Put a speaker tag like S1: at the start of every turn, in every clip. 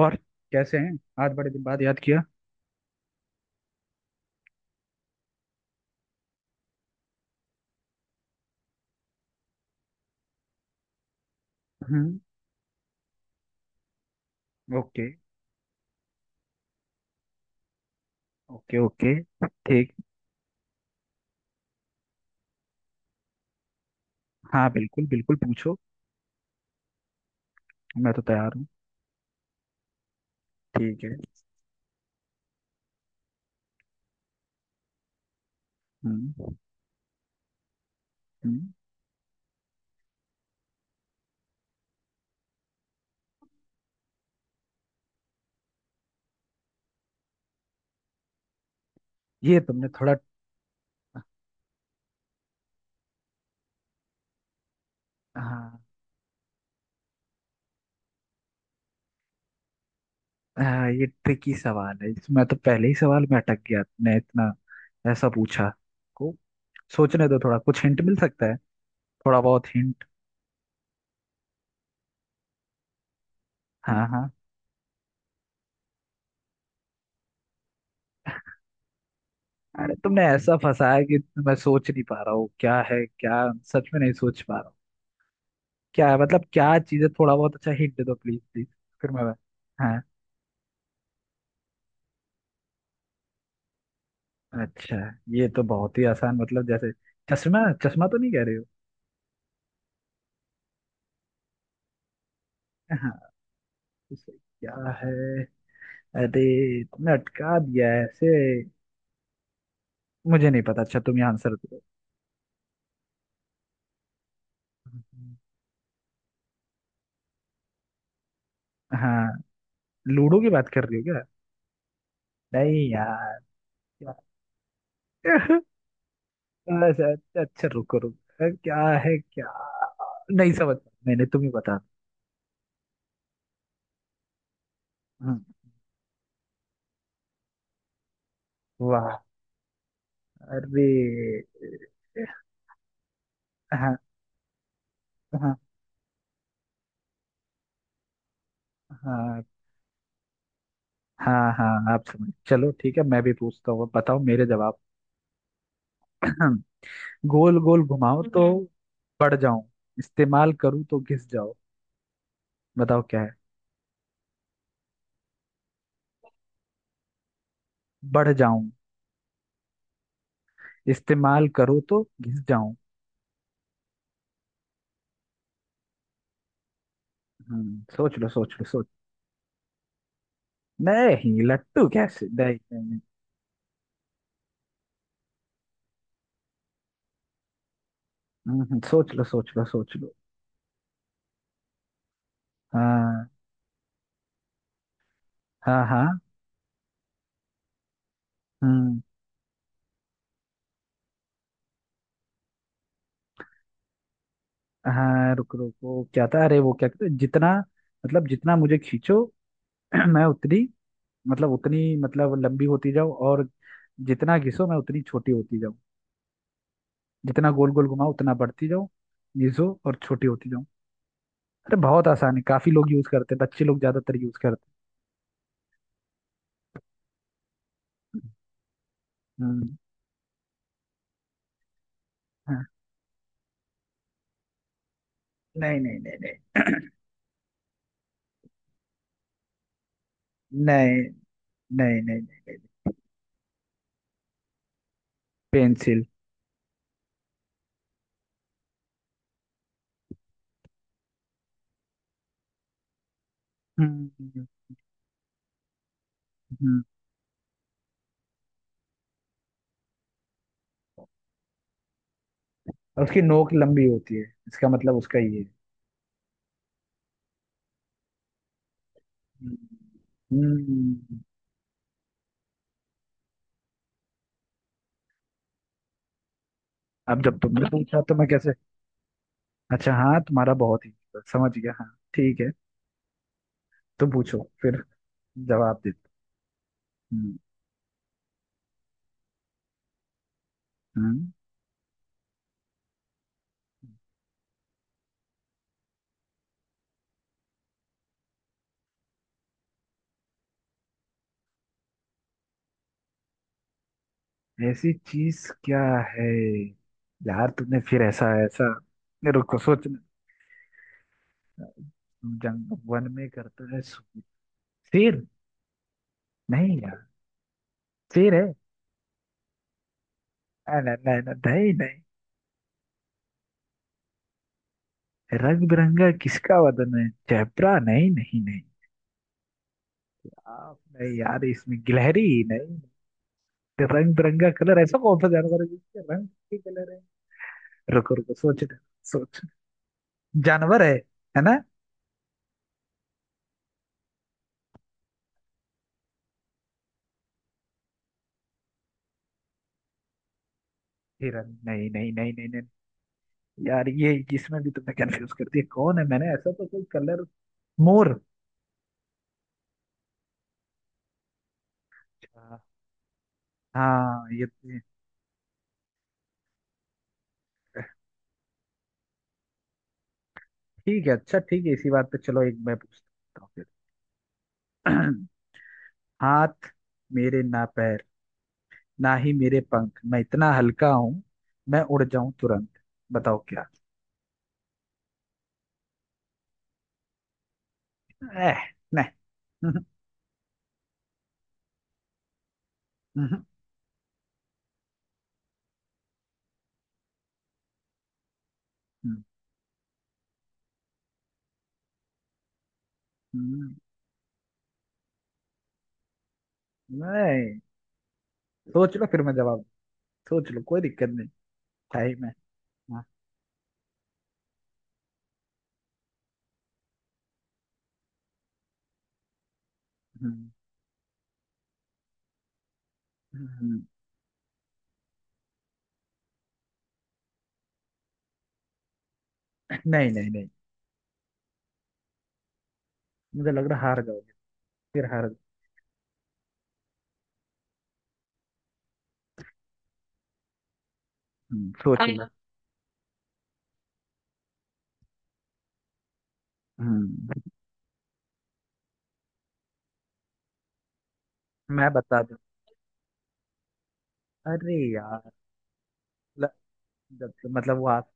S1: और कैसे हैं? आज बड़े दिन बाद याद किया। हम्म। Okay okay. ओके। ठीक। हाँ, बिल्कुल बिल्कुल पूछो। मैं तो तैयार हूँ। ठीक है। हम्म। हम्म। ये तुमने थोड़ा। हाँ। हाँ, ये ट्रिकी सवाल है। मैं तो पहले ही सवाल में अटक गया। तुमने इतना ऐसा पूछा को सोचने दो थोड़ा। कुछ हिंट मिल सकता है? थोड़ा बहुत हिंट। हाँ हाँ। अरे तुमने ऐसा फंसाया कि मैं सोच नहीं पा रहा हूँ क्या है क्या। सच में नहीं सोच पा रहा हूँ। क्या है मतलब क्या चीज़ है? थोड़ा बहुत अच्छा हिंट दे दो प्लीज प्लीज। हाँ। अच्छा। ये तो बहुत ही आसान। मतलब जैसे चश्मा। चश्मा तो नहीं कह रहे हो? हाँ। उसे क्या है? अरे तुमने अटका दिया है ऐसे। मुझे नहीं पता। अच्छा, तुम ही आंसर दो। हाँ। लूडो की बात कर रही हो क्या? नहीं यार। क्या? अच्छा अच्छा अच्छा, रुको रुको अरे, क्या है क्या? नहीं समझ। मैंने, तुम ही बता। हम्म। वाह। अरे। हाँ हाँ। हाँ। हाँ। हाँ, आप समझ। चलो ठीक है, मैं भी पूछता हूँ, बताओ मेरे जवाब। गोल गोल घुमाओ तो बढ़ जाऊं, इस्तेमाल करूँ तो घिस जाओ। बताओ क्या है। बढ़ जाऊं, इस्तेमाल करो तो घिस जाऊं। हम्म, सोच लो सोच लो सोच। नहीं लट्टू कैसे? नहीं नहीं नहीं। सोच लो सोच लो सोच लो। हाँ। हाँ हाँ। हम्म। हाँ, रुक रुक वो क्या था अरे? वो क्या कहते हैं, जितना मतलब जितना मुझे खींचो, मैं उतनी मतलब लंबी होती जाओ। और जितना घिसो मैं उतनी छोटी होती जाऊँ। जितना गोल गोल घुमाओ उतना बढ़ती जाओ। घिसो और छोटी होती जाऊँ। अरे बहुत आसान है। काफी लोग यूज करते हैं, बच्चे लोग ज्यादातर यूज करते हैं। हम्म। हाँ। नहीं नहीं नहीं नहीं नहीं। नहीं नहीं नहीं। पेंसिल। हम्म। हम्म। और उसकी नोक लंबी होती है, इसका मतलब उसका ये है। हम्म। हम्म। अब जब तुमने पूछा तो मैं कैसे। अच्छा। हाँ तुम्हारा बहुत ही। समझ गया। हाँ। ठीक है, तुम पूछो फिर, जवाब दे। हम्म। हम्म। ऐसी चीज क्या है? यार तुमने फिर ऐसा ऐसा। नहीं, रुको सोचना। जंग वन में करता है सो- शेर। नहीं यार। शेर है? आ, ना ना ना नहीं नहीं। रंग बिरंगा किसका वदन है चैपरा? नहीं नहीं नहीं। आप नहीं यार इसमें गिलहरी। नहीं। रंग बिरंगा कलर, ऐसा कौन सा जानवर है जिसके रंग के कलर है? रुको रुको सोचना। सोच, जानवर है ना? हिरन? नहीं नहीं नहीं नहीं नहीं। यार ये इसमें भी तुमने कंफ्यूज कर दिया। कौन है? मैंने ऐसा तो कोई कलर। मोर। हाँ। हाँ ये ये- ठीक है, अच्छा ठीक है, इसी बात पे चलो, एक मैं पूछता हूँ फिर। हाथ मेरे ना पैर, ना ही मेरे पंख, मैं इतना हल्का हूँ मैं उड़ जाऊं तुरंत। बताओ क्या। एह, नहीं। नहीं। सोच लो फिर मैं जवाब दूं। सोच लो, कोई दिक्कत नहीं। टाइम है। हाँ। हम्म, हम्म, हम्म। नहीं नहीं नहीं। मुझे लग रहा हार जाओगे। फिर हार। सोच लो। हम्म। मैं बता दूं? अरे यार। ल- जब मतलब वो आप।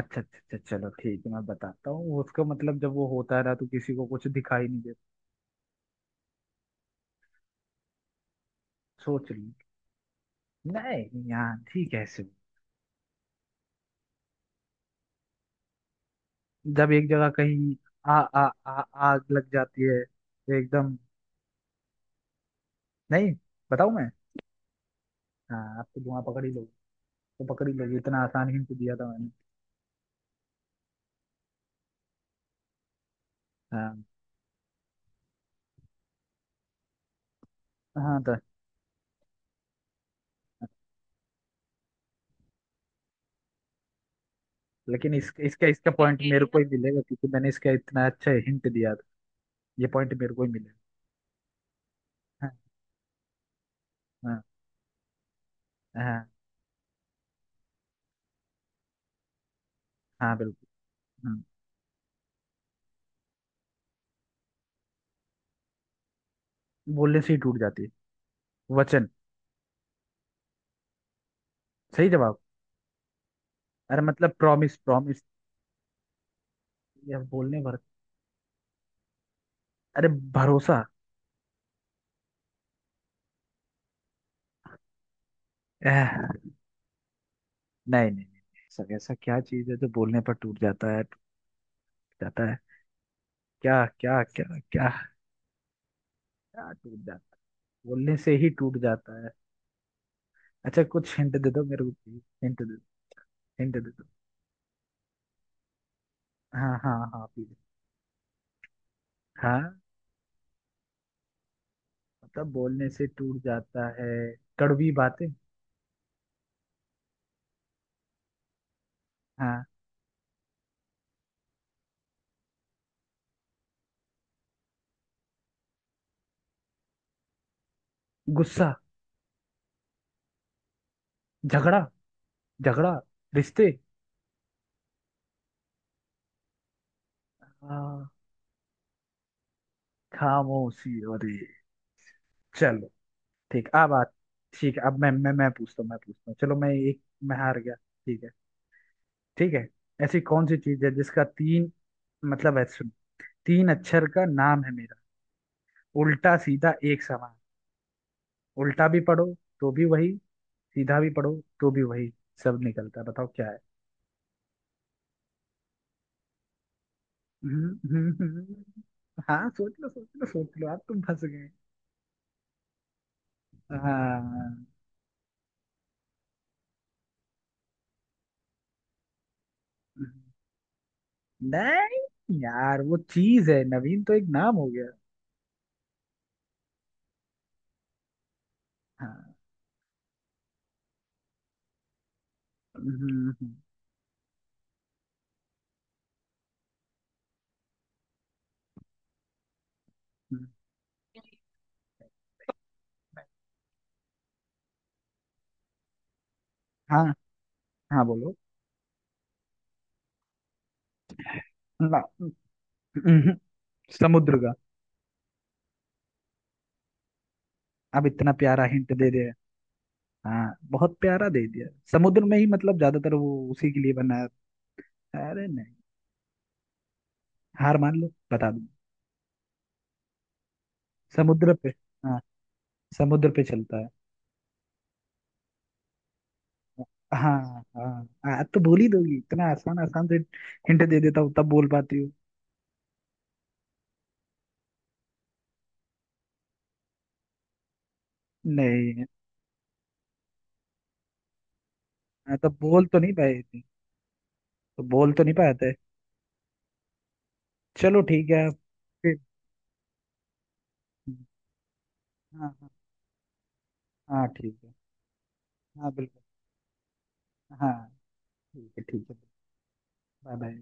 S1: अच्छा अच्छा अच्छा चलो ठीक है मैं बताता हूँ उसको। मतलब जब वो होता रहा तो किसी को कुछ दिखाई नहीं देता। सोच ली? नहीं यार। ठीक है, ऐसे जब एक जगह कहीं आ, आ, आ, आग लग जाती है तो एकदम। नहीं। बताऊं मैं? हाँ, आप तो धुआं पकड़ ही लोगे। तो पकड़ ही लोगे, इतना आसान हिंट दिया था मैंने। हाँ। हाँ तो। लेकिन इसका इसका पॉइंट मेरे को ही मिलेगा, क्योंकि मैंने इसका इतना अच्छा हिंट दिया था। ये पॉइंट मेरे को ही मिलेगा। हाँ। हाँ। हाँ। हाँ, बिल्कुल। हाँ। बोलने से ही टूट जाती है? वचन। सही जवाब। अरे मतलब प्रॉमिस प्रॉमिस। या बोलने भर। अरे, भरोसा। एह, नहीं नहीं नहीं नहीं, सर ऐसा क्या चीज है जो बोलने पर टूट जाता है? टूट जाता है क्या क्या क्या? क्या? क्या टूट जाता है बोलने से ही टूट जाता है? अच्छा कुछ हिंट दे दो मेरे को प्लीज, हिंट दे, हिंट दे दो। हाँ हाँ हाँ प्लीज। हाँ। मतलब बोलने से टूट जाता है। कड़वी बातें। हाँ। गुस्सा, झगड़ा। झगड़ा, रिश्ते। हाँ। खामोशी? अरे। चलो। ठीक। अब आ ठीक है अब मैं पूछता हूँ, मैं पूछता हूँ, चलो मैं एक। मैं हार गया। ठीक है। ठीक है। ऐसी कौन सी चीज है जिसका तीन मतलब है, सुन। तीन अक्षर का नाम है मेरा, उल्टा सीधा एक समान। उल्टा भी पढ़ो तो भी वही, सीधा भी पढ़ो तो भी वही सब निकलता है। बताओ क्या है। हम्म, हम्म, हम्म। हाँ सोच लो सोच लो सोच लो। आप तुम फंस गए। हाँ। नहीं यार, वो चीज है। नवीन तो एक नाम हो गया। हाँ। हम्म, हम्म, हम्म। हाँ हाँ बोलो ना। हम्म, हम्म। समुद्र का। अब इतना प्यारा हिंट दे दिया। हाँ बहुत प्यारा दे दिया। समुद्र में ही मतलब ज्यादातर वो उसी के लिए बना है। अरे नहीं। हार मान लो, बता दूं? समुद्र पे। हाँ। समुद्र पे चलता है। हाँ। हाँ हाँ, तो बोल ही दोगी। इतना आसान आसान से हिंट दे देता हूँ तब बोल पाती हूँ। नहीं। हाँ, तो बोल तो नहीं पाए थे। तो बोल तो नहीं पाए थे। चलो ठीक है। फिर। हाँ हाँ। हाँ ठीक है। हाँ बिल्कुल। हाँ। ठीक है ठीक है। Bye bye.